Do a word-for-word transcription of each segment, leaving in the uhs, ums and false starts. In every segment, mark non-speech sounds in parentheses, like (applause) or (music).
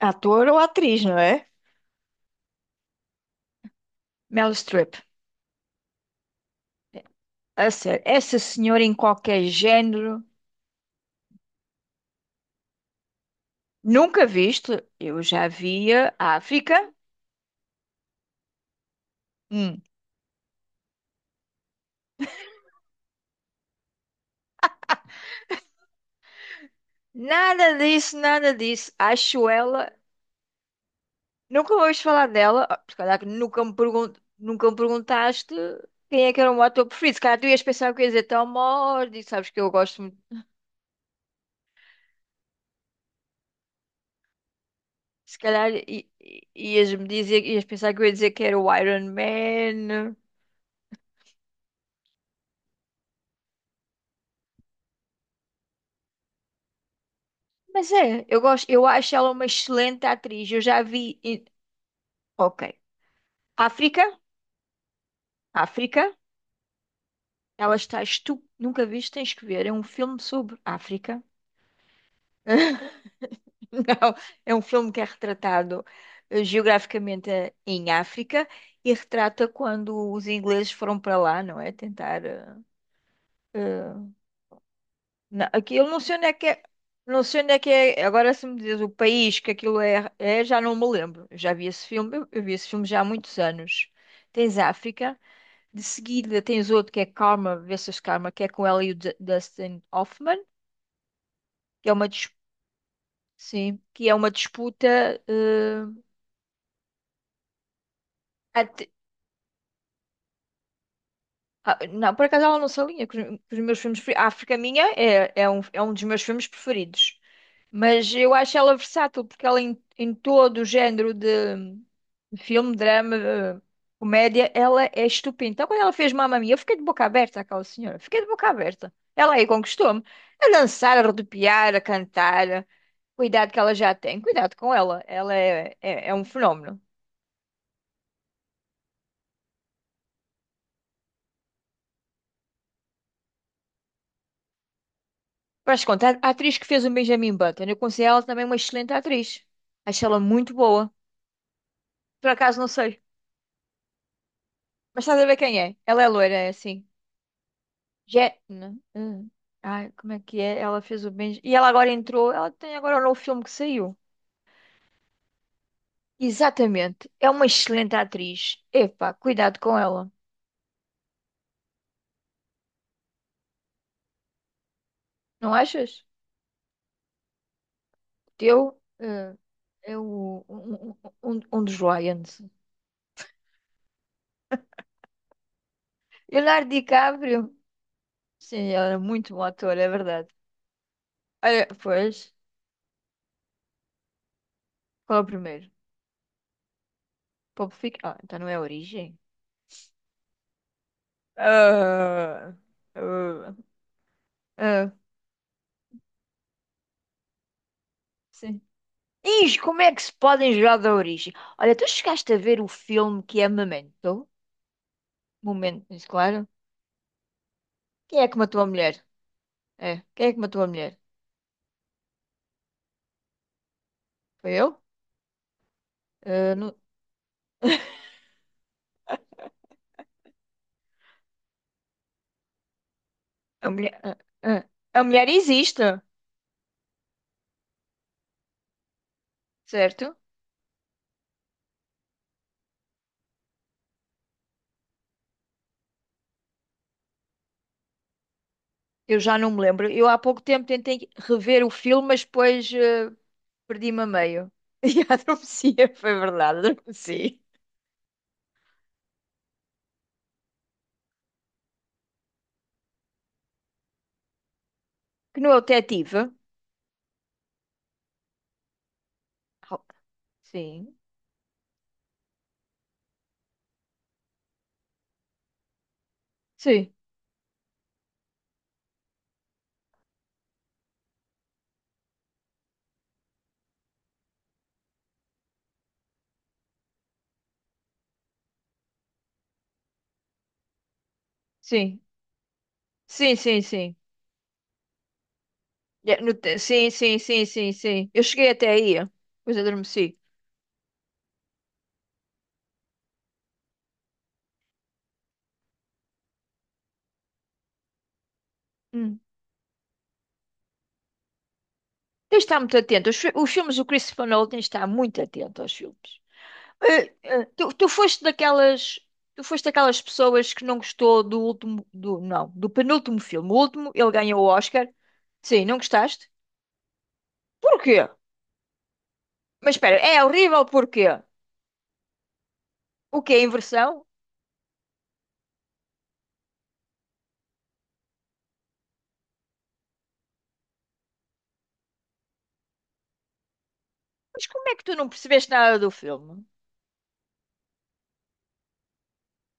Ator ou atriz, não é? Meryl Streep. A sério, essa senhora em qualquer género, nunca viste? Eu já via África. Hum. Nada disso, nada disso. Acho ela. Nunca ouvi falar dela. Ah, se calhar que nunca me pergun- nunca me perguntaste quem é que era o meu ator preferido. Se calhar tu ias pensar que eu ia dizer Tom Hardy, sabes que eu gosto muito. Se calhar i- i- ias-me dizer, ias pensar que eu ia dizer que era o Iron Man. Mas é, eu gosto, eu acho ela uma excelente atriz. Eu já vi. Em- Ok. África, África, ela está estu... Nunca viste, tens que ver. É um filme sobre África. (laughs) Não, é um filme que é retratado eh, geograficamente eh, em África e retrata quando os ingleses foram para lá, não é? Tentar. eh, eh, Na- Aqui, eu não sei onde é que é. Não sei onde é que é. Agora, se me diz o país que aquilo é, é, já não me lembro. Eu já vi esse filme. Eu, eu vi esse filme já há muitos anos. Tens África. De seguida, tens outro que é Karma versus Karma, que é com ela e o D- Dustin Hoffman, que é uma, dis- sim, que é uma disputa. eh, Ah, não, por acaso ela não se alinha com os, com os meus filmes. preferi- A África Minha é, é, um, é um dos meus filmes preferidos. Mas eu acho ela versátil porque ela em, em todo o género de de filme, drama, eh, comédia, ela é estupenda. Então quando ela fez Mamma Mia, eu fiquei de boca aberta aquela senhora. Fiquei de boca aberta. Ela aí conquistou-me. A dançar, a rodopiar, a cantar. Cuidado que ela já tem. Cuidado com ela. Ela é, é, é um fenómeno. Mas conta, a a atriz que fez o Benjamin Button, eu considero ela também uma excelente atriz. Acho ela muito boa. Por acaso não sei. Mas estás a ver quem é? Ela é loira, é assim. Je... não, hum. Ai, como é que é? Ela fez o Benjamin. E ela agora entrou. Ela tem agora um novo filme que saiu. Exatamente. É uma excelente atriz. Epá, cuidado com ela. Não achas? Teu eh, é o, um, um, um um dos Lions. Leonardo DiCaprio. Sim, ela é muito bom ator, é verdade. Olha, pois, qual é o primeiro? pop Fic- Ah, então não é origem? Ah, ah, ah, sim. Ih, como é que se podem jogar da origem? Olha, tu chegaste a ver o filme que é Memento? Momento, isso, claro. Quem é que matou a mulher? É, quem é que matou a mulher? Foi eu? Ah, não- A mulher... ah, ah. A mulher existe, certo? Eu já não me lembro. Eu há pouco tempo tentei rever o filme, mas depois ah, perdi-me a meio. (laughs) E adormeci, foi verdade, adormeci. Que não é o detetive? Ho- sim sim, sim, sim, sim, sim. É, no te- Sim, sim, sim, sim, sim. Eu cheguei até aí, depois adormeci. Hum. Tens de estar muito atento. Os, fi- os filmes do Christopher Nolan tens de estar muito atento aos filmes. Eh, eh, tu, tu foste daquelas, tu foste daquelas pessoas que não gostou do último, do, não, do penúltimo filme. O último, ele ganhou o Oscar. Sim, não gostaste? Porquê? Mas espera, é horrível porquê? O que é inversão? Mas como é que tu não percebeste nada do filme?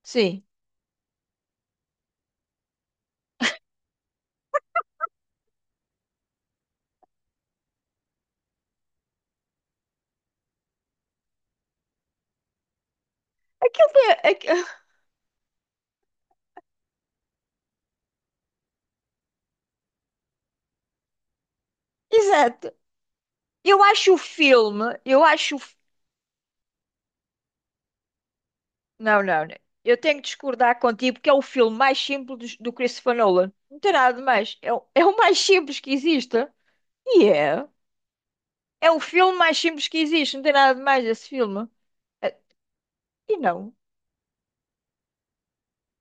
Sim. Aquilo é, é (laughs) Exato. Eu acho o filme, eu acho. O fi- Não, não, não. Eu tenho que discordar contigo porque é o filme mais simples do do Christopher Nolan. Não tem nada de mais. É, o- é o (laughs) mais simples que existe. E é. É o filme mais simples que existe. Não tem nada de mais esse filme. É- E não.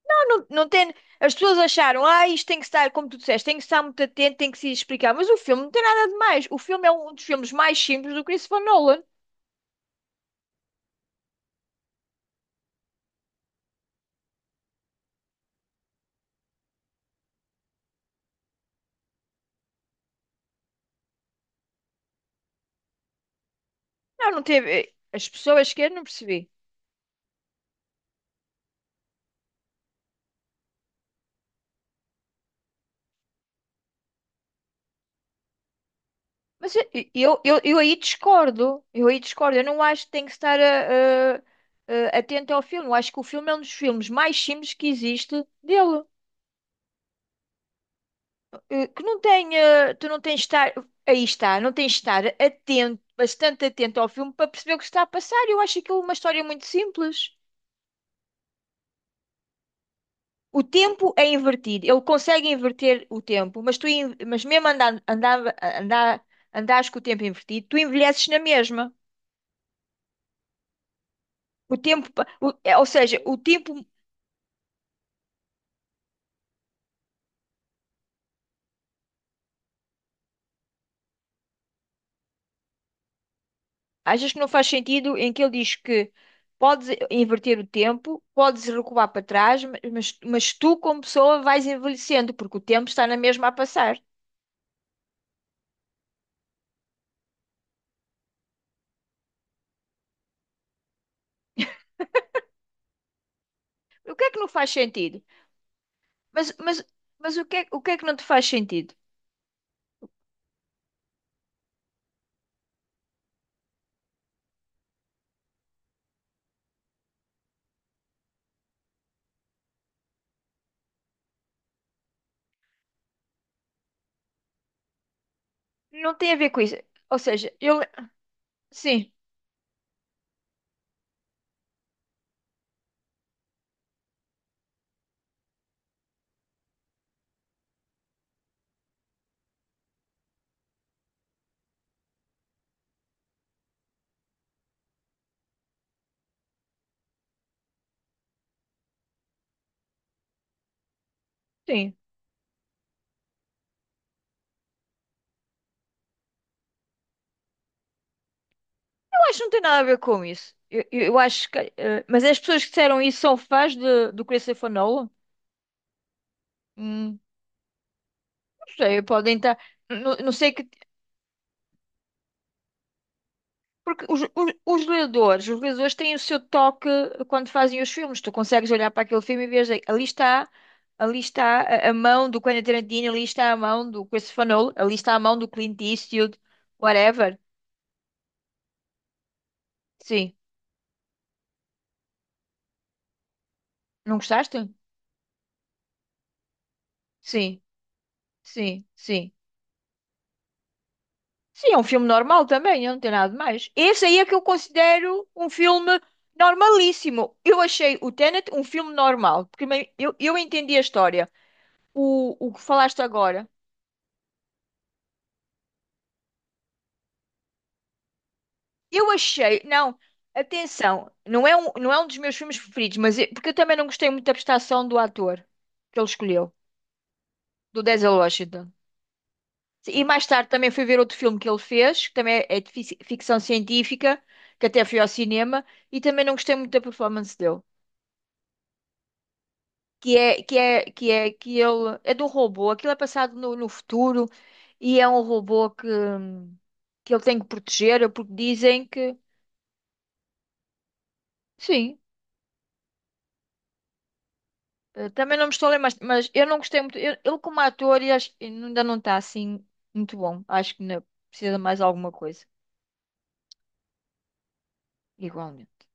Não, não, não tem. As pessoas acharam, ah, isto tem que estar, como tu disseste, tem que estar muito atento, tem que se explicar. Mas o filme não tem nada de mais. O filme é um dos filmes mais simples do Christopher Nolan. Não, não teve. eh, As pessoas que eu não percebi. Mas eu, eu, eu, eu aí discordo. Eu aí discordo. Eu não acho que tem que estar a- a- a- atento ao filme. Eu acho que o filme é um dos filmes mais simples que existe dele. Eh, Que não tem, eh, tu não tens de estar, aí está, não tens de estar atento, bastante atento ao filme para perceber o que está a passar. Eu acho aquilo uma história muito simples. O tempo é invertido. Ele consegue inverter o tempo, mas tu, in- mas mesmo andando, andava, andar, andares com o tempo invertido, tu envelheces na mesma. O tempo, pa- o- é, ou seja, o tempo Achas que não faz sentido em que ele diz que podes inverter o tempo, podes recuar para trás, ma- mas, mas tu, como pessoa, vais envelhecendo, porque o tempo está na mesma a passar. O que é que não faz sentido? Mas, mas, mas o que é, o que é que não te faz sentido? Não tem a ver com isso. Ou seja, eu. Sim, sim. Eu acho que não tem nada a ver com isso. Eu, eu- eu acho que. eh, mas as pessoas que disseram isso são fãs de, do Christopher Nolan? Hum, não sei, podem estar. Não, não sei que Porque os, os, os leitores, os leitores têm o seu toque quando fazem os filmes. Tu consegues olhar para aquele filme e vês ali está, ali está a, a mão do Quentin Tarantino, ali está a mão do Christopher Nolan, ali está a mão do Clint Eastwood, whatever. Sim. Não gostaste? Sim, sim, sim. Sim, é um filme normal também, não tem nada de mais. Esse aí é que eu considero um filme normalíssimo. Eu achei o Tenet um filme normal, porque me- eu, eu entendi a história. O, o que falaste agora. Eu achei, não, atenção, não é um, não é um dos meus filmes preferidos, mas eu- porque eu também não gostei muito da prestação do ator que ele escolheu, do Denzel Washington. E mais tarde também fui ver outro filme que ele fez, que também é é de fici- ficção científica, que até fui ao cinema, e também não gostei muito da performance dele. Que é, que é, que é, que ele é de um robô, aquilo é passado no, no futuro e é um robô que, hum, que ele tem que proteger, porque dizem que, sim. Eh, Também não me estou a lembrar, mas, mas eu não gostei muito. eu- Ele, como ator, eu acho- ainda não está assim muito bom. Acho que ainda precisa de mais alguma coisa, igualmente.